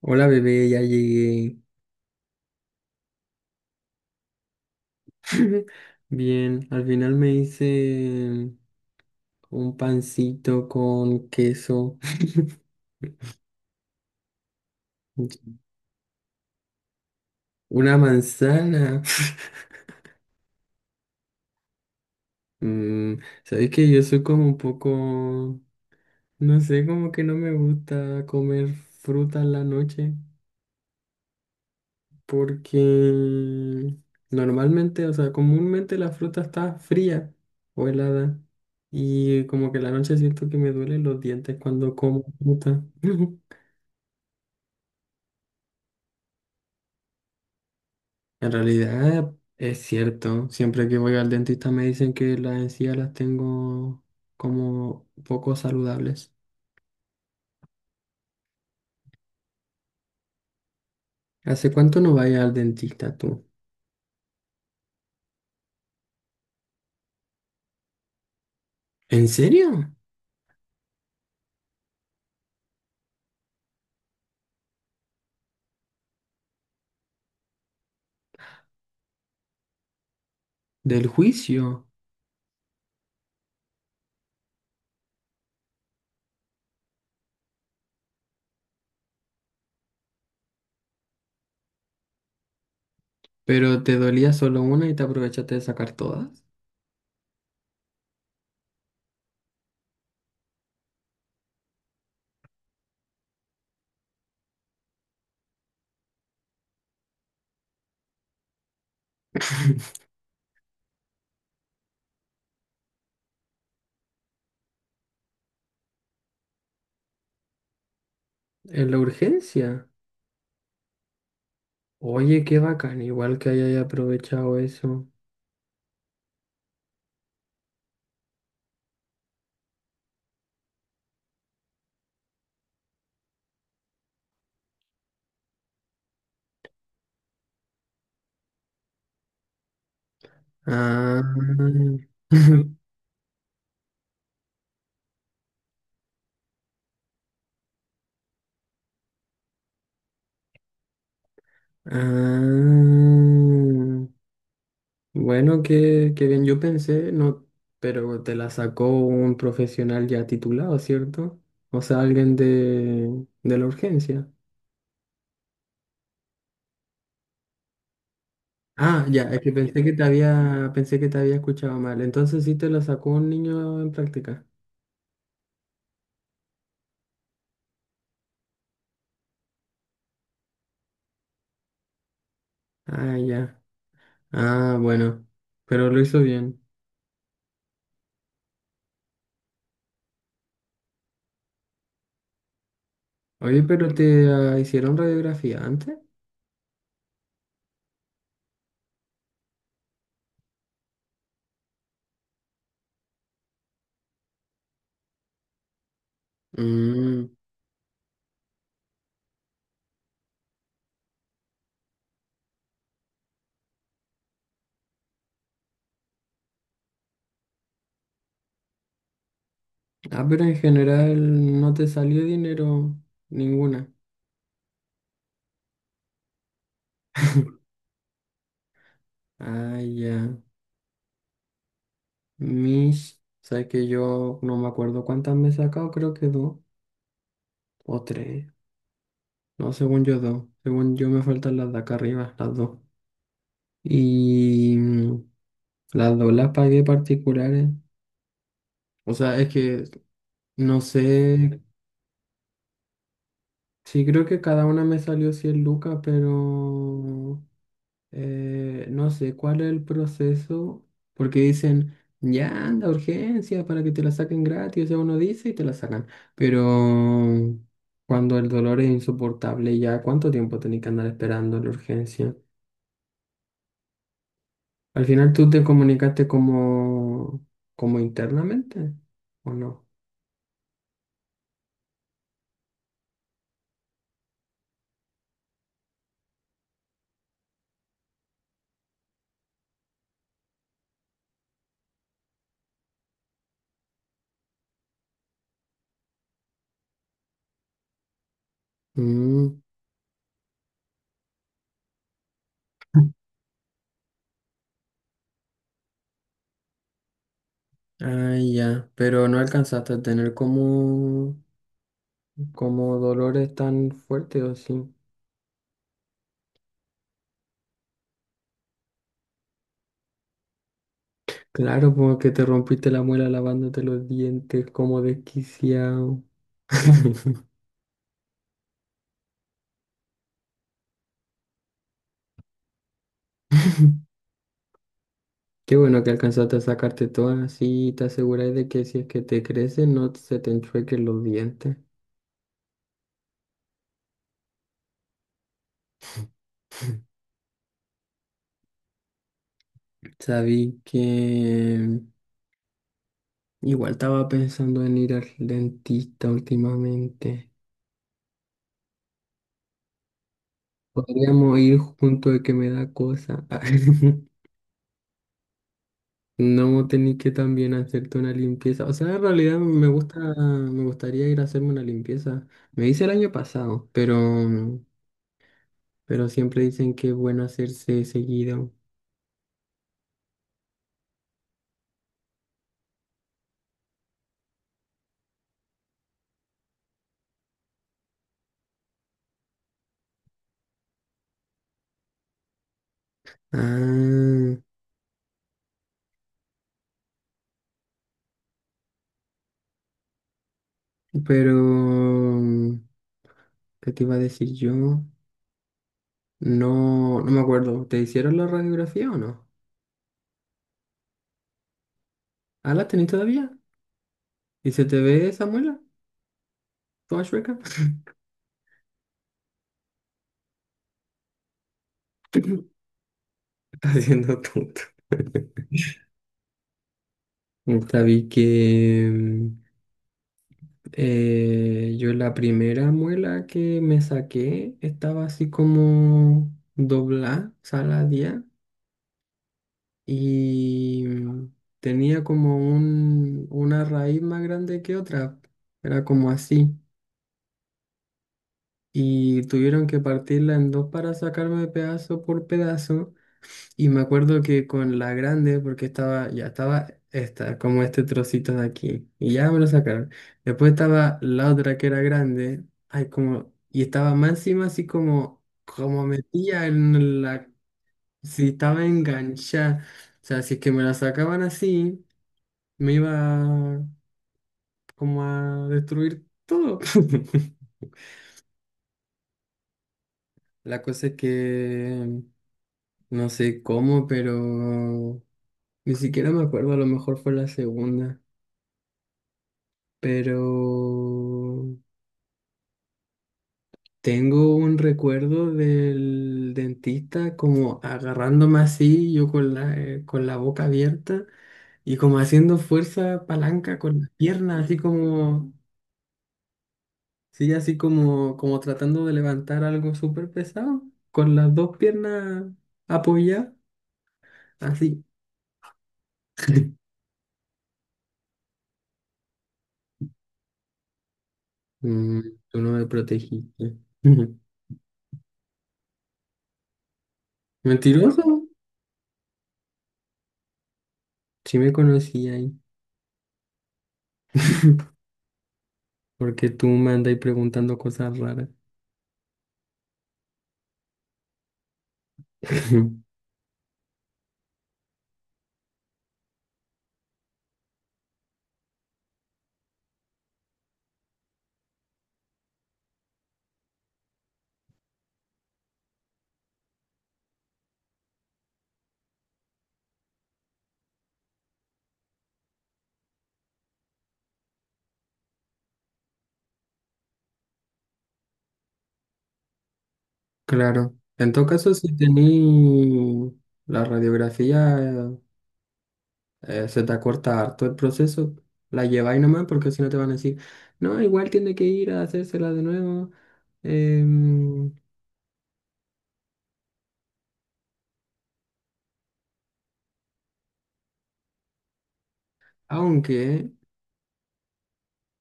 Hola bebé, ya llegué. Bien, al final me hice un pancito con queso, una manzana. Sabes que yo soy como un poco, no sé, como que no me gusta comer fruta en la noche porque normalmente, o sea, comúnmente la fruta está fría o helada y como que en la noche siento que me duelen los dientes cuando como fruta. En realidad es cierto, siempre que voy al dentista me dicen que las encías las tengo como poco saludables. ¿Hace cuánto no vaya al dentista tú? ¿En serio? ¿Del juicio? ¿Pero te dolía solo una y te aprovechaste de sacar todas? ¿En la urgencia? Oye, qué bacán, igual que hayas aprovechado eso. Ah, ah. Bueno, qué bien, yo pensé, no, pero te la sacó un profesional ya titulado, ¿cierto? O sea, alguien de la urgencia. Ah, ya, es que pensé que te había, pensé que te había escuchado mal. Entonces sí te la sacó un niño en práctica. Ah, ya. Ah, bueno, pero lo hizo bien. Oye, pero te hicieron radiografía antes. Mm. Ah, pero en general no te salió dinero ninguna. Ah, ya. Mis, sabes que yo no me acuerdo cuántas me he sacado, creo que dos o tres. No, según yo dos. Según yo me faltan las de acá arriba, las dos. Y las dos las pagué particulares. O sea, es que no sé. Sí, creo que cada una me salió 100 lucas, pero no sé cuál es el proceso, porque dicen, ya anda, urgencia, para que te la saquen gratis, o sea, uno dice y te la sacan, pero cuando el dolor es insoportable, ya cuánto tiempo tenés que andar esperando la urgencia. Al final tú te comunicaste como, como internamente, ¿o no? Mm, ya, pero no alcanzaste a tener como, como dolores tan fuertes o sí. Claro, como que te rompiste la muela lavándote los dientes como desquiciado. Qué bueno que alcanzaste a sacarte todas, así te aseguráis de que si es que te crecen no se te enchuequen los dientes. Sabí que igual estaba pensando en ir al dentista últimamente. Podríamos ir junto de que me da cosa. No tenéis que también hacerte una limpieza. O sea, en realidad me gusta, me gustaría ir a hacerme una limpieza. Me hice el año pasado, pero siempre dicen que es bueno hacerse seguido. Ah, pero, ¿qué te iba a decir yo? No, no me acuerdo. ¿Te hicieron la radiografía o no? ¿Ah, la tenés todavía? ¿Y se te ve esa muela? ¿Toda chueca? Haciendo tonto. Sabí que... mm, yo la primera muela que me saqué estaba así como doblada, saladía, y tenía como un, una raíz más grande que otra, era como así, y tuvieron que partirla en dos para sacarme pedazo por pedazo. Y me acuerdo que con la grande, porque estaba, ya estaba esta, como este trocito de aquí, y ya me lo sacaron. Después estaba la otra que era grande, ay, como, y estaba más encima así como, como metía en la, si estaba enganchada. O sea, si es que me la sacaban así, me iba como a destruir todo. La cosa es que no sé cómo, pero ni siquiera me acuerdo, a lo mejor fue la segunda. Pero tengo un recuerdo del dentista como agarrándome así, yo con con la boca abierta y como haciendo fuerza palanca con las piernas, así como, sí, así como, como tratando de levantar algo súper pesado, con las dos piernas apoyadas, así. Mm, tú no me protegiste. Mentiroso, sí me conocí ahí. Porque tú me andas preguntando cosas raras. Claro. En todo caso, si tení la radiografía, se te acorta harto el proceso, la lleváis nomás porque si no te van a decir, no, igual tiene que ir a hacérsela de nuevo. em, Aunque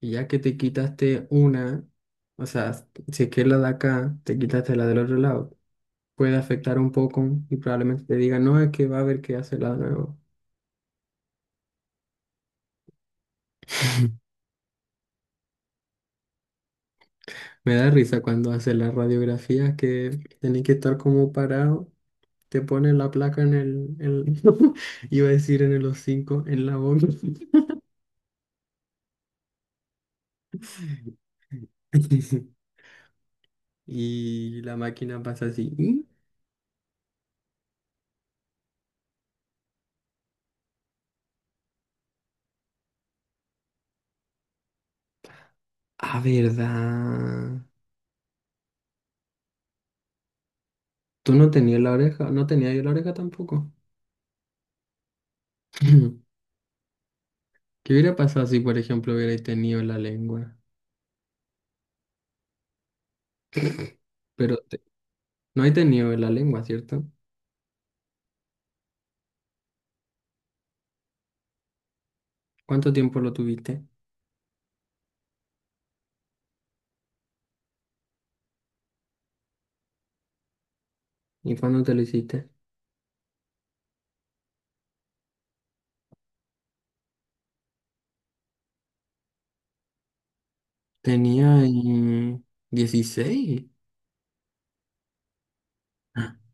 ya que te quitaste una, o sea, si es que es la de acá, te quitaste la del otro lado, puede afectar un poco y probablemente te digan, no, es que va a haber que hacerla de nuevo. Me da risa cuando hacen las radiografías que tenéis que estar como parado. Te ponen la placa en iba a decir en el hocico, en la boca. Y la máquina pasa así. ¿Mm? Ah, verdad. Tú no tenías la oreja, no tenía yo la oreja tampoco. ¿Qué hubiera pasado si, por ejemplo, hubierais tenido la lengua? Pero te- no he tenido la lengua, ¿cierto? ¿Cuánto tiempo lo tuviste? ¿Y cuándo te lo hiciste? Tenía 16.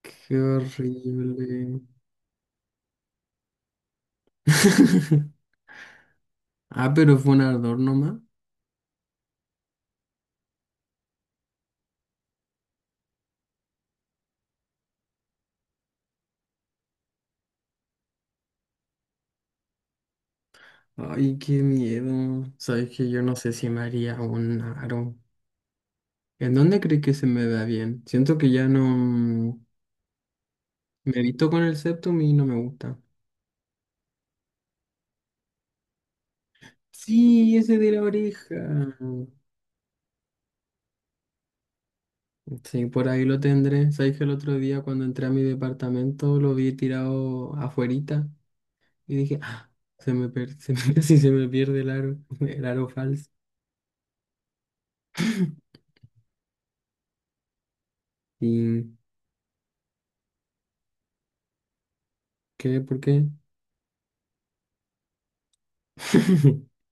Qué horrible. Ah, pero fue un ardor nomás. Ay, qué miedo. Sabes que yo no sé si me haría un aro. ¿En dónde crees que se me da bien? Siento que ya no me he visto con el septum y no me gusta. Sí, ese de la oreja. Sí, por ahí lo tendré. Sabes que el otro día cuando entré a mi departamento lo vi tirado afuerita y dije, ah, se me per- se me- casi se me pierde el aro, el aro falso. ¿Y qué? ¿Por qué?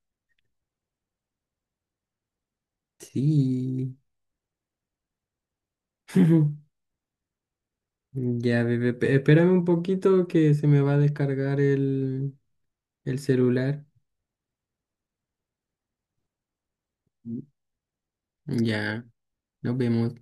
Sí. Ya, bebé, espérame un poquito que se me va a descargar el celular. Ya, nos vemos.